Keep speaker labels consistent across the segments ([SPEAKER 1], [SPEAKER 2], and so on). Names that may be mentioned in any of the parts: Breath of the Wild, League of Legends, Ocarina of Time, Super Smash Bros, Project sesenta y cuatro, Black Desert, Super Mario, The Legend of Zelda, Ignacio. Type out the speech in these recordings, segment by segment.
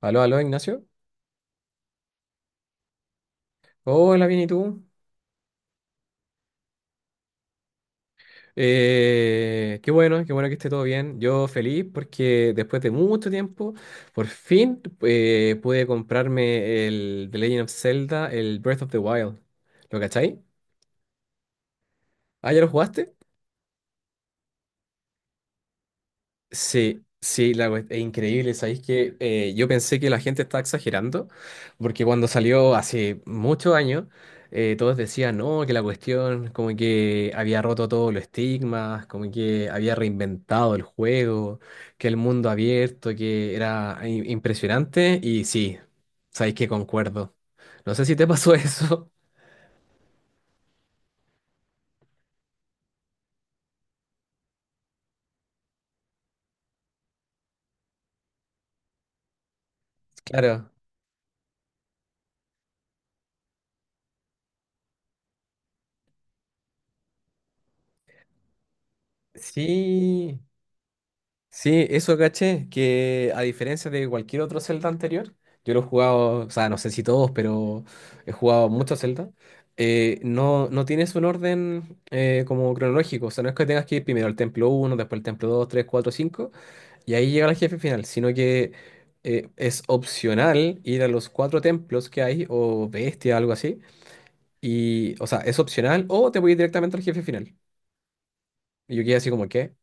[SPEAKER 1] Aló, aló, Ignacio. Hola, bien, ¿y tú? Qué bueno, qué bueno que esté todo bien. Yo feliz porque después de mucho tiempo, por fin pude comprarme el The Legend of Zelda, el Breath of the Wild. ¿Lo cachai? ¿Ah, ya lo jugaste? Sí, sí, es increíble. Sabéis que yo pensé que la gente estaba exagerando, porque cuando salió hace muchos años, todos decían, no, que la cuestión como que había roto todos los estigmas, como que había reinventado el juego, que el mundo abierto, que era impresionante. Y sí, sabéis que concuerdo. No sé si te pasó eso. Claro. Sí. Sí, eso caché, que a diferencia de cualquier otro Zelda anterior, yo lo he jugado, o sea, no sé si todos, pero he jugado muchos Zelda, no, no tienes un orden como cronológico, o sea, no es que tengas que ir primero al templo uno, después al templo 2, 3, 4, 5, y ahí llega el jefe final, sino que es opcional ir a los cuatro templos que hay, o bestia, algo así, y, o sea, es opcional, o te voy directamente al jefe final. Y yo quedé así como, ¿qué?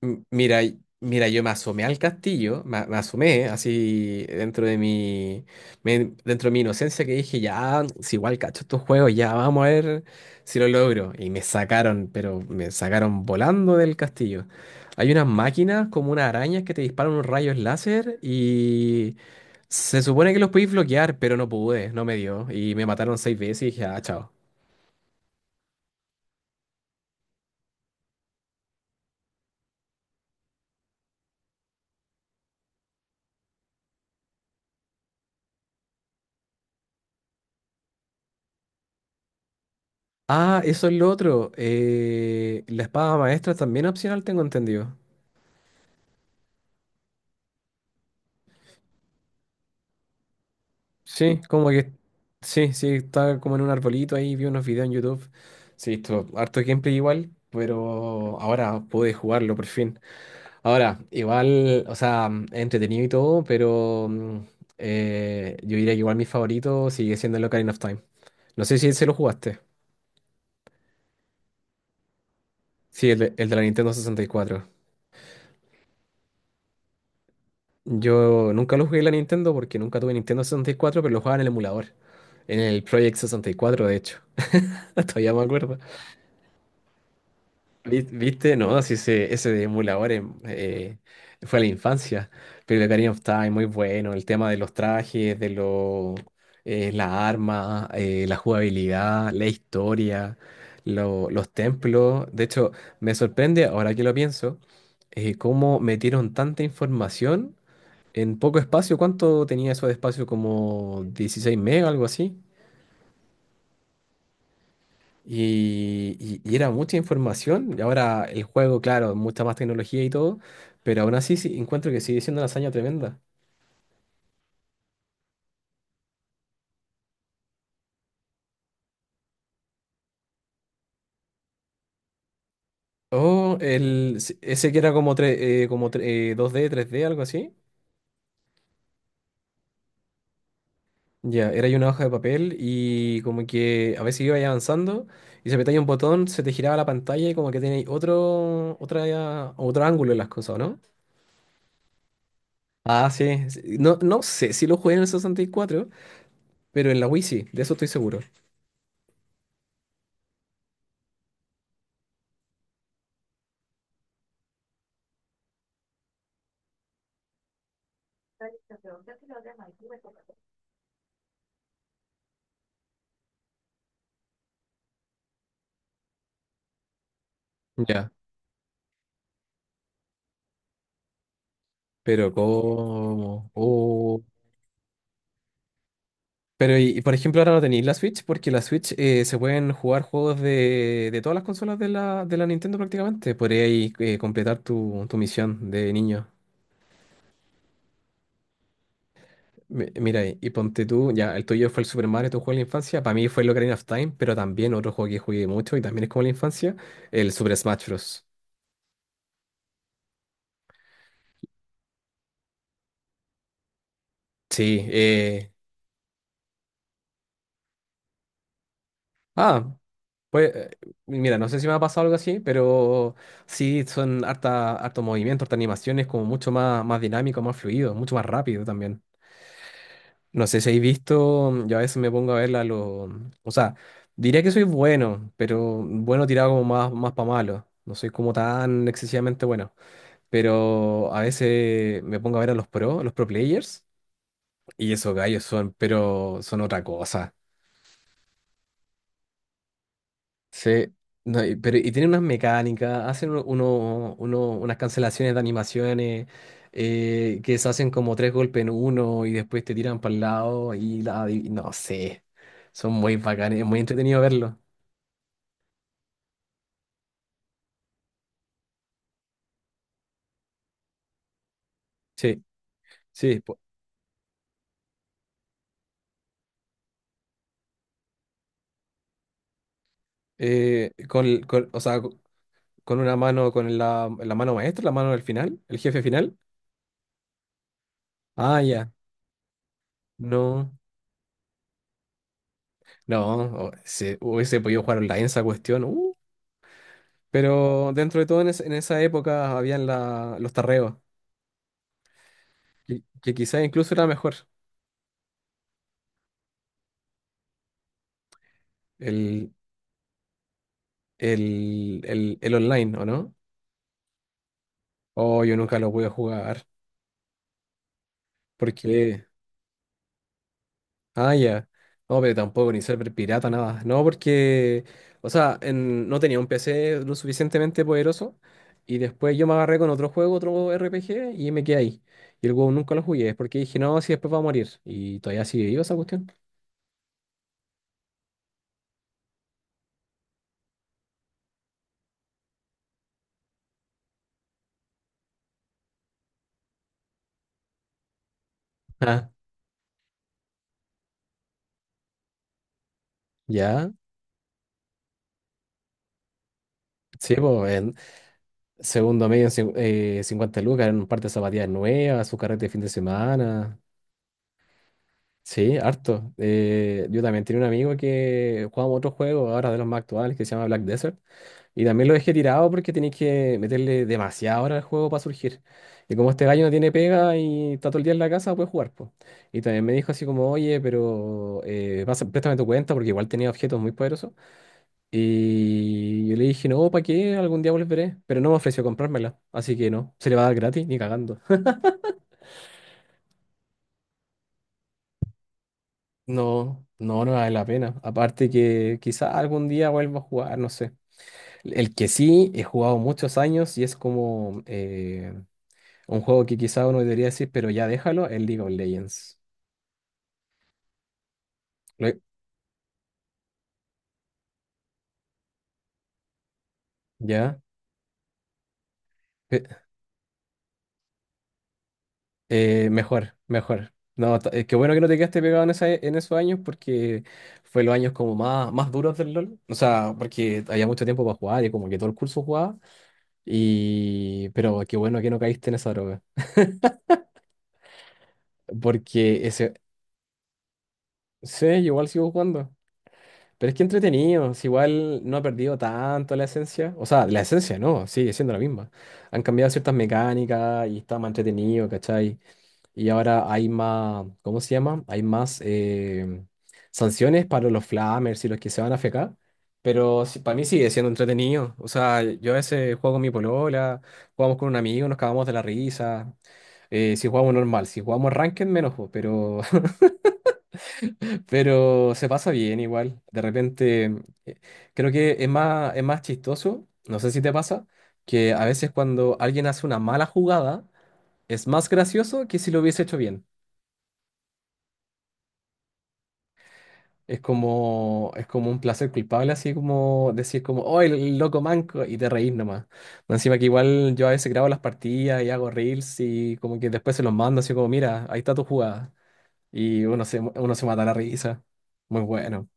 [SPEAKER 1] Mira, yo me asomé al castillo, me asomé así dentro de mi, dentro de mi inocencia que dije, ya, si igual cacho estos juegos, ya vamos a ver si lo logro. Y me sacaron, pero me sacaron volando del castillo. Hay unas máquinas como unas arañas que te disparan unos rayos láser y se supone que los podéis bloquear, pero no pude, no me dio. Y me mataron seis veces y dije, ah, chao. Ah, eso es lo otro. La espada maestra también es opcional, tengo entendido. Sí, como que sí, sí, estaba como en un arbolito ahí, vi unos videos en YouTube. Sí, esto, harto gameplay igual, pero ahora pude jugarlo por fin. Ahora, igual, o sea, es entretenido y todo, pero yo diría que igual mi favorito sigue siendo el Ocarina of Time. No sé si ese lo jugaste. Sí, el de la Nintendo 64. Yo nunca lo jugué en la Nintendo porque nunca tuve Nintendo 64, pero lo jugaba en el emulador, en el Project 64 de hecho. Todavía me acuerdo. ¿Viste? No, si ese de emuladores fue a la infancia. Pero el Ocarina of Time, muy bueno. El tema de los trajes, de lo las armas, la jugabilidad, la historia, los templos. De hecho, me sorprende, ahora que lo pienso, cómo metieron tanta información en poco espacio. ¿Cuánto tenía eso de espacio? Como 16 megas, algo así. Y era mucha información. Y ahora el juego, claro, mucha más tecnología y todo. Pero aún así sí, encuentro que sigue siendo una hazaña tremenda. Oh, ese que era como, como 2D, tres d algo así. Ya, era ahí una hoja de papel y como que a veces iba ahí avanzando y se apretaba un botón, se te giraba la pantalla y como que tenéis otro, otra, otro ángulo en las cosas, ¿o no? Ah, sí. Sí. No, no sé si lo jugué en el 64 pero en la Wii sí, de eso estoy seguro. Ya. Pero cómo. Oh. Pero por ejemplo ahora no tenéis la Switch porque la Switch se pueden jugar juegos de todas las consolas de la Nintendo prácticamente. Podríais completar tu misión de niño. Mira, ponte tú, ya el tuyo fue el Super Mario, tu juego de la infancia. Para mí fue el Ocarina of Time, pero también otro juego que jugué mucho y también es como la infancia, el Super Smash Bros. Sí, ah, pues, mira, no sé si me ha pasado algo así, pero sí son harta, harto movimiento, harta animaciones, como mucho más, más dinámico, más fluido, mucho más rápido también. No sé si habéis visto, yo a veces me pongo a verla, o sea, diría que soy bueno, pero bueno tirado como más, más para malo. No soy como tan excesivamente bueno, pero a veces me pongo a ver a los pro players, y esos gallos son, pero son otra cosa. Sí, no, y, pero, y tienen unas mecánicas, hacen unas cancelaciones de animaciones que se hacen como tres golpes en uno y después te tiran para el lado y no sé, son muy bacanes, es muy entretenido verlo. Sí, sí, o sea, con una mano, la mano maestra, la mano del final, el jefe final. Ah, ya, no, no, hubiese podido jugar online esa cuestión. Pero dentro de todo, en esa época habían los tarreos, que quizás incluso era mejor el, el online, ¿o no? Oh, yo nunca lo voy a jugar, porque... Ah, ya. No, pero tampoco, ni server pirata, nada. No, porque, o sea, no tenía un PC lo suficientemente poderoso, y después yo me agarré con otro juego, otro RPG, y me quedé ahí. Y el juego nunca lo jugué, porque dije, no, si después va a morir, y todavía sigue vivo esa cuestión. Ah, ya. Sí, pues. Segundo medio en 50 lucas, en un par de zapatillas nuevas, su carrete de fin de semana. Sí, harto. Yo también tenía un amigo que jugaba otro juego ahora de los más actuales que se llama Black Desert. Y también lo dejé tirado porque tenéis que meterle demasiada hora al juego para surgir. Y como este gallo no tiene pega y está todo el día en la casa, puede jugar, po. Y también me dijo así como, oye, pero préstame tu cuenta porque igual tenía objetos muy poderosos. Y yo le dije, no, ¿para qué? Algún día volveré. Pero no me ofreció comprármela. Así que no, se le va a dar gratis, ni cagando. No, no, no vale la pena. Aparte que quizá algún día vuelva a jugar, no sé. El que sí, he jugado muchos años y es como un juego que quizá uno debería decir, pero ya déjalo, el League of Legends. Lo- ¿Ya? eh, Mejor, mejor. No, qué bueno que no te quedaste pegado en esos años porque fue los años como más, más duros del LOL. O sea, porque había mucho tiempo para jugar y como que todo el curso jugaba. Y... Pero qué bueno que no caíste en esa droga. Porque ese... Sí, yo igual sigo jugando. Pero es que entretenido. Si igual no ha perdido tanto la esencia. O sea, la esencia no, sigue siendo la misma. Han cambiado ciertas mecánicas y está más entretenido, ¿cachai? Y ahora hay más, ¿cómo se llama? Hay más sanciones para los flamers y los que se van a fecar. Pero para mí sigue siendo entretenido. O sea, yo a veces juego con mi polola, jugamos con un amigo, nos cagamos de la risa. Si jugamos normal, si jugamos ranked, menos, po, pero, pero se pasa bien igual. De repente, eh, creo que es más chistoso, no sé si te pasa, que a veces cuando alguien hace una mala jugada, es más gracioso que si lo hubiese hecho bien. Es como un placer culpable, así como decir como, oh, el loco manco, y te reís nomás. Más encima que igual yo a veces grabo las partidas y hago reels y como que después se los mando así como, mira, ahí está tu jugada. Y uno se mata la risa. Muy bueno.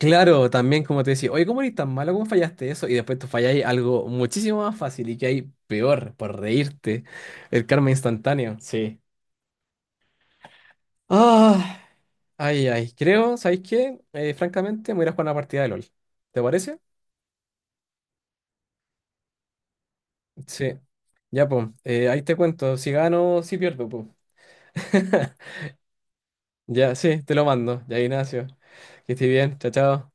[SPEAKER 1] Claro, también como te decía, oye, ¿cómo eres tan malo? ¿Cómo fallaste eso? Y después tú falláis algo muchísimo más fácil y que hay peor por reírte. El karma instantáneo. Sí. Ah, ay, ay, creo, ¿sabéis qué? Francamente, me voy a ir a jugar una partida de LOL. ¿Te parece? Sí. Ya, pues, ahí te cuento. Si gano, si pierdo, pues. Ya, sí, te lo mando. Ya, Ignacio. Que estés bien. Chao, chao.